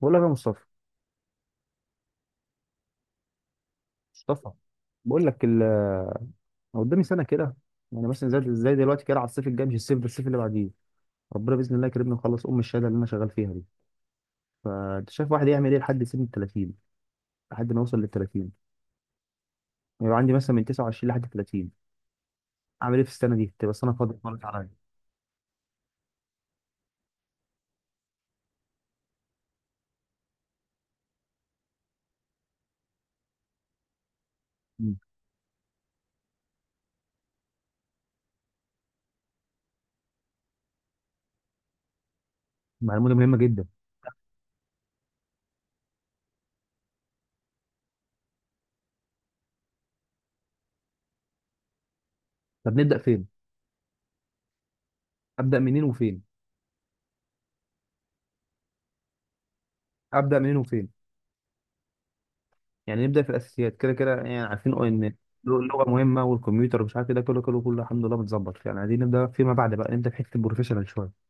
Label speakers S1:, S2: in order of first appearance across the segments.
S1: بقول لك يا مصطفى، مصطفى. بقول لك ال أنا قدامي سنه كده. يعني مثلا زي دلوقتي كده، على الصيف الجاي، مش الصيف ده، الصيف اللي بعديه. ربنا باذن الله يكرمني ونخلص ام الشهاده اللي انا شغال فيها دي. فانت شايف واحد يعمل ايه لحد سن ال 30، لحد ما يوصل لل 30. يبقى عندي مثلا من 29 لحد 30، اعمل ايه في السنه دي؟ تبقى السنه فاضيه خالص عليا. مم. معلومه مهمه جدا. طب نبدا فين؟ ابدا منين وفين؟ ابدا منين وفين يعني نبدا في الاساسيات كده كده. يعني عارفين ان اللغه مهمه والكمبيوتر ومش عارف إيه ده، كله كله كله الحمد لله متظبط. يعني عايزين نبدا فيما بعد بقى، نبدا في حته البروفيشنال شويه.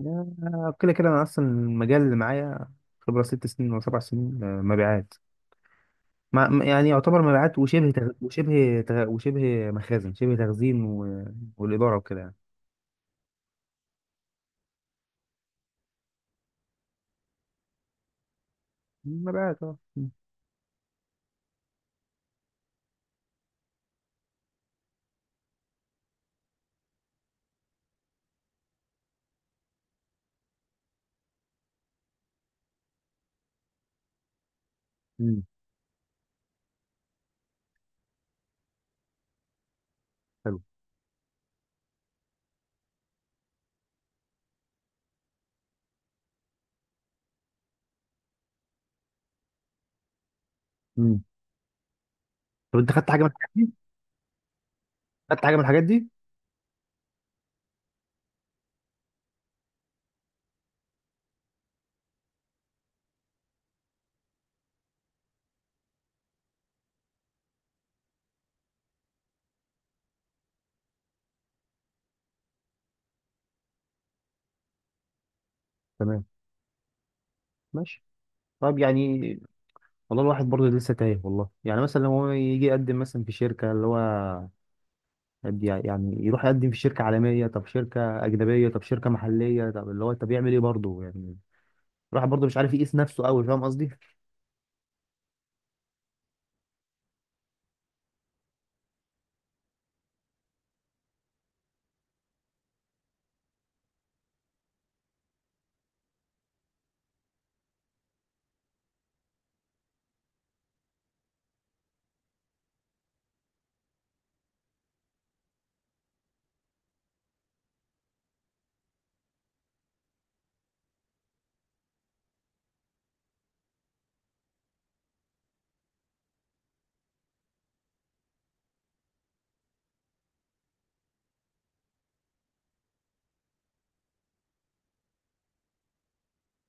S1: كده كده، انا اصلا المجال اللي معايا خبره ست سنين ولا سبع سنين، مبيعات. يعني يعتبر مبيعات وشبه مخازن، شبه تخزين والاداره وكده يعني. مبيعات اه. مم. مم. حلو. مم. طب انت خدت حاجه من الحاجات دي؟ خدت حاجه من الحاجات دي؟ تمام. ماشي. طيب يعني، والله الواحد برضه لسه تايه. والله يعني مثلا لو هو يجي يقدم مثلا في شركة، اللي هو يعني يروح يقدم في شركة عالمية، طب شركة أجنبية، طب شركة محلية، طب اللي هو، طب يعمل إيه برضه يعني. الواحد برضه مش عارف يقيس نفسه أوي، فاهم قصدي؟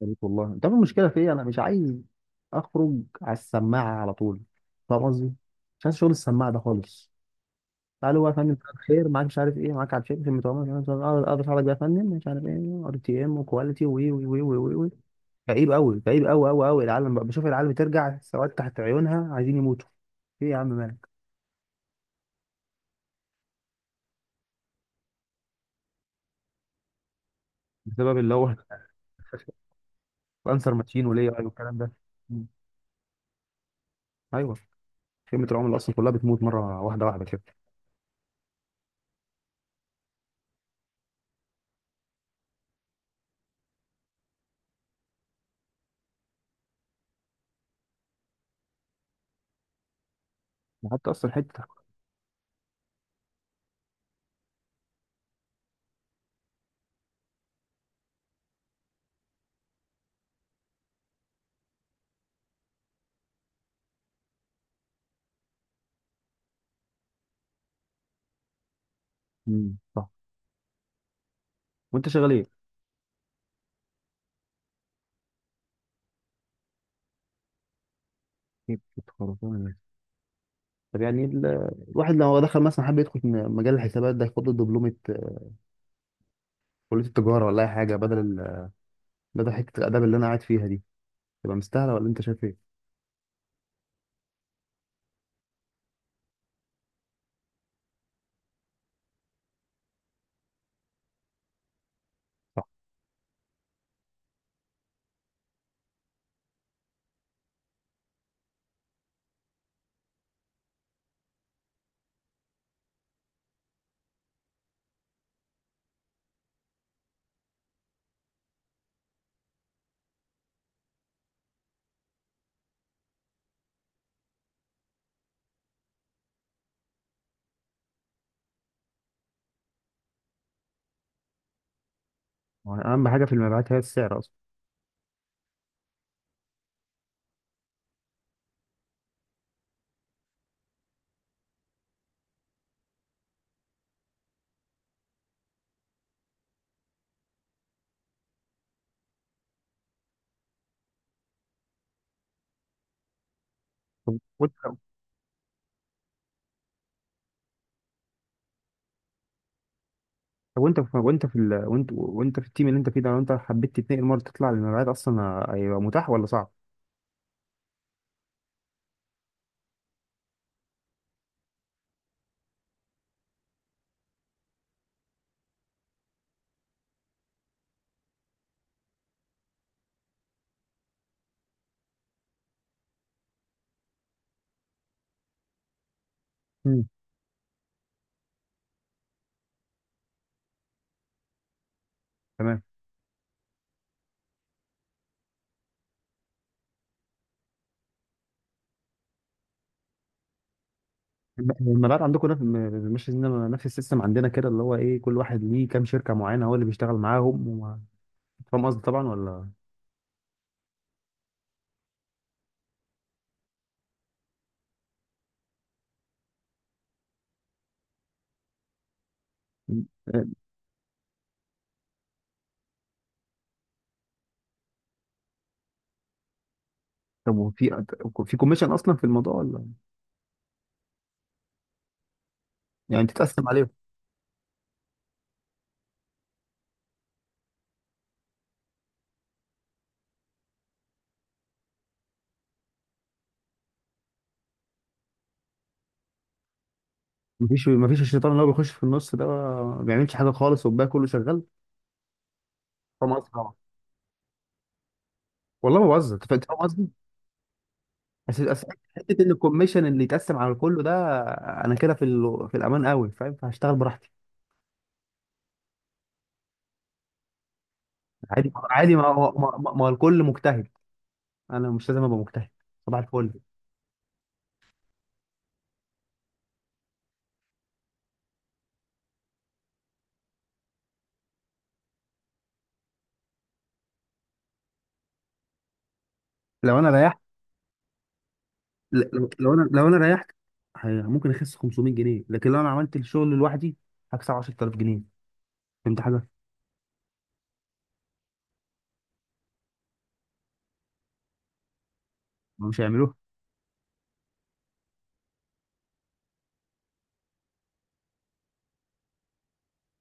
S1: يا ريت والله. أنت عارف المشكلة في إيه؟ أنا مش عايز أخرج على السماعة على طول، فاهم قصدي؟ مش عايز شغل السماعة ده خالص. تعالوا بقى يا فندم، مساء الخير، معاك مش عارف إيه، معاك على الشركة في المتعامل، أقدر أساعدك بقى يا فندم، مش عارف إيه ار تي إم وكواليتي، وي وي وي وي وي. كئيب قوي، كئيب قوي قوي قوي. العالم بقى، بشوف العالم ترجع سواد تحت عيونها عايزين يموتوا. ايه يا عم مالك؟ بسبب اللي هو الانسر ماتشين وليه والكلام ده. مم. ايوه. خيمه العملاء اصلا كلها بتموت مره، واحده واحده كده. حتى اصلا حته. صح. وانت شغال ايه؟ حتة خرسانة. طب يعني الواحد لو دخل مثلا، حب يدخل في مجال الحسابات ده، ياخد له دبلومه، كليه التجاره ولا اي حاجه بدل بدل حته الاداب اللي انا قاعد فيها دي. تبقى مستاهله ولا انت شايف ايه؟ صح. هو اهم حاجه في المبيعات هي السعر اصلا. طب وانت. طب وانت في التيم اللي انت فيه ده، لو انت حبيت تتنقل مره تطلع للمبيعات، اصلا هيبقى متاح ولا صعب؟ مم. تمام. المبيعات عندكم نفس م- مش زينا- نفس السيستم عندنا كده، اللي هو ايه، كل واحد ليه كام شركه معينه هو اللي بيشتغل معاهم فاهم قصدي طبعا ولا؟ مم. آه،. طب وفي، في كوميشن اصلا في الموضوع ولا؟ يعني تتقسم عليهم. مفيش، مفيش الشيطان اللي هو بيخش في النص ده ما بيعملش حاجه خالص والباقي كله شغال، فاهم قصدي طبعا. والله ما بهزر، انت فاهم قصدي. بس بس، حته ان الكوميشن اللي يتقسم على كله ده، انا كده في في الامان قوي فاهم، فهشتغل براحتي. عادي عادي، ما هو الكل مجتهد، انا مش لازم ابقى مجتهد. صباح الفل. لو انا ريحت. لو انا ريحت ممكن اخس 500 جنيه، لكن لو انا عملت الشغل لوحدي هكسب 10000 جنيه. فهمت حاجه؟ ما مش هيعملوها.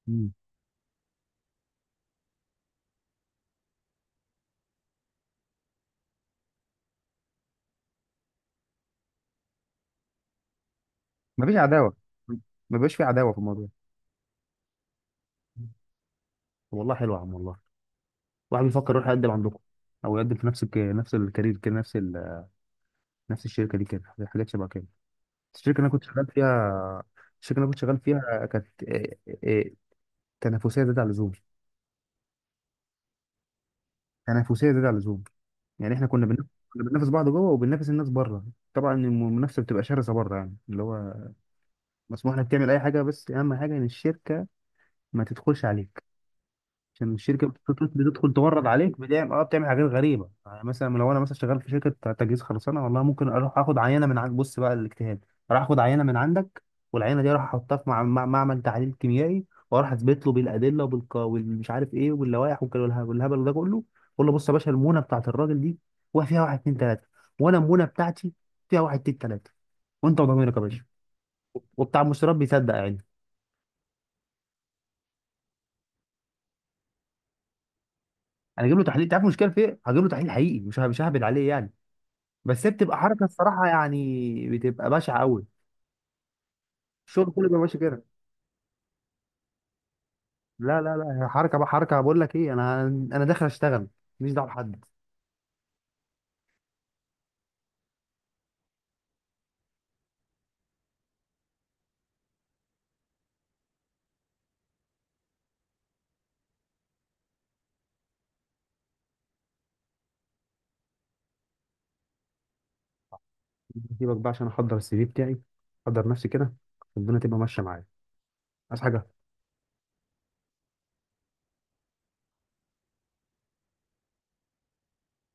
S1: مم. مفيش عداوه، مبقاش في عداوه في الموضوع. طب والله حلو يا عم، والله. واحد بيفكر يروح يقدم عندكم او يقدم في نفس نفس الكارير كده، نفس نفس الشركه دي كده، حاجات شبه كده. الشركه اللي انا كنت شغال فيها. الشركه اللي انا كنت شغال فيها كانت تنافسيه زياده عن اللزوم. تنافسيه زياده عن اللزوم. يعني احنا كنا بننافس، كنا بننافس بعض جوه وبننافس الناس بره. طبعا المنافسه بتبقى شرسه بره يعني، اللي هو مسموح لك تعمل اي حاجه، بس اهم حاجه ان الشركه ما تدخلش عليك. عشان الشركه بتدخل، تورد عليك، بتعمل بتعمل حاجات غريبه، يعني مثلا لو انا مثلا شغال في شركه تجهيز خرسانه، والله ممكن اروح اخد عينه من عند، بص بقى الاجتهاد، اروح اخد عينه من عندك، والعينه دي اروح احطها في معمل تحليل كيميائي، واروح اثبت له بالادله والمش عارف ايه واللوائح والهبل ده كله. اقول له بص يا باشا، المونه بتاعت الراجل دي فيها واحد اتنين تلاته، وانا المونه بتاعتي فيها واحد اتنين تلاته، وانت وضميرك يا باشا، وبتاع المشتريات بيصدق يعني. انا اجيب له تحليل. تعرف المشكله في ايه؟ هجيب له تحليل حقيقي، مش ههبل عليه يعني. بس هي بتبقى حركه، الصراحه يعني بتبقى بشعه قوي. الشغل كله بيبقى ماشي كده. لا لا لا، هي حركه بقى، حركه، بقول لك ايه، انا داخل اشتغل ماليش دعوه بحد. سيبك بقى، عشان احضر السي في بتاعي، احضر نفسي كده، الدنيا تبقى ماشيه معايا. عايز حاجه.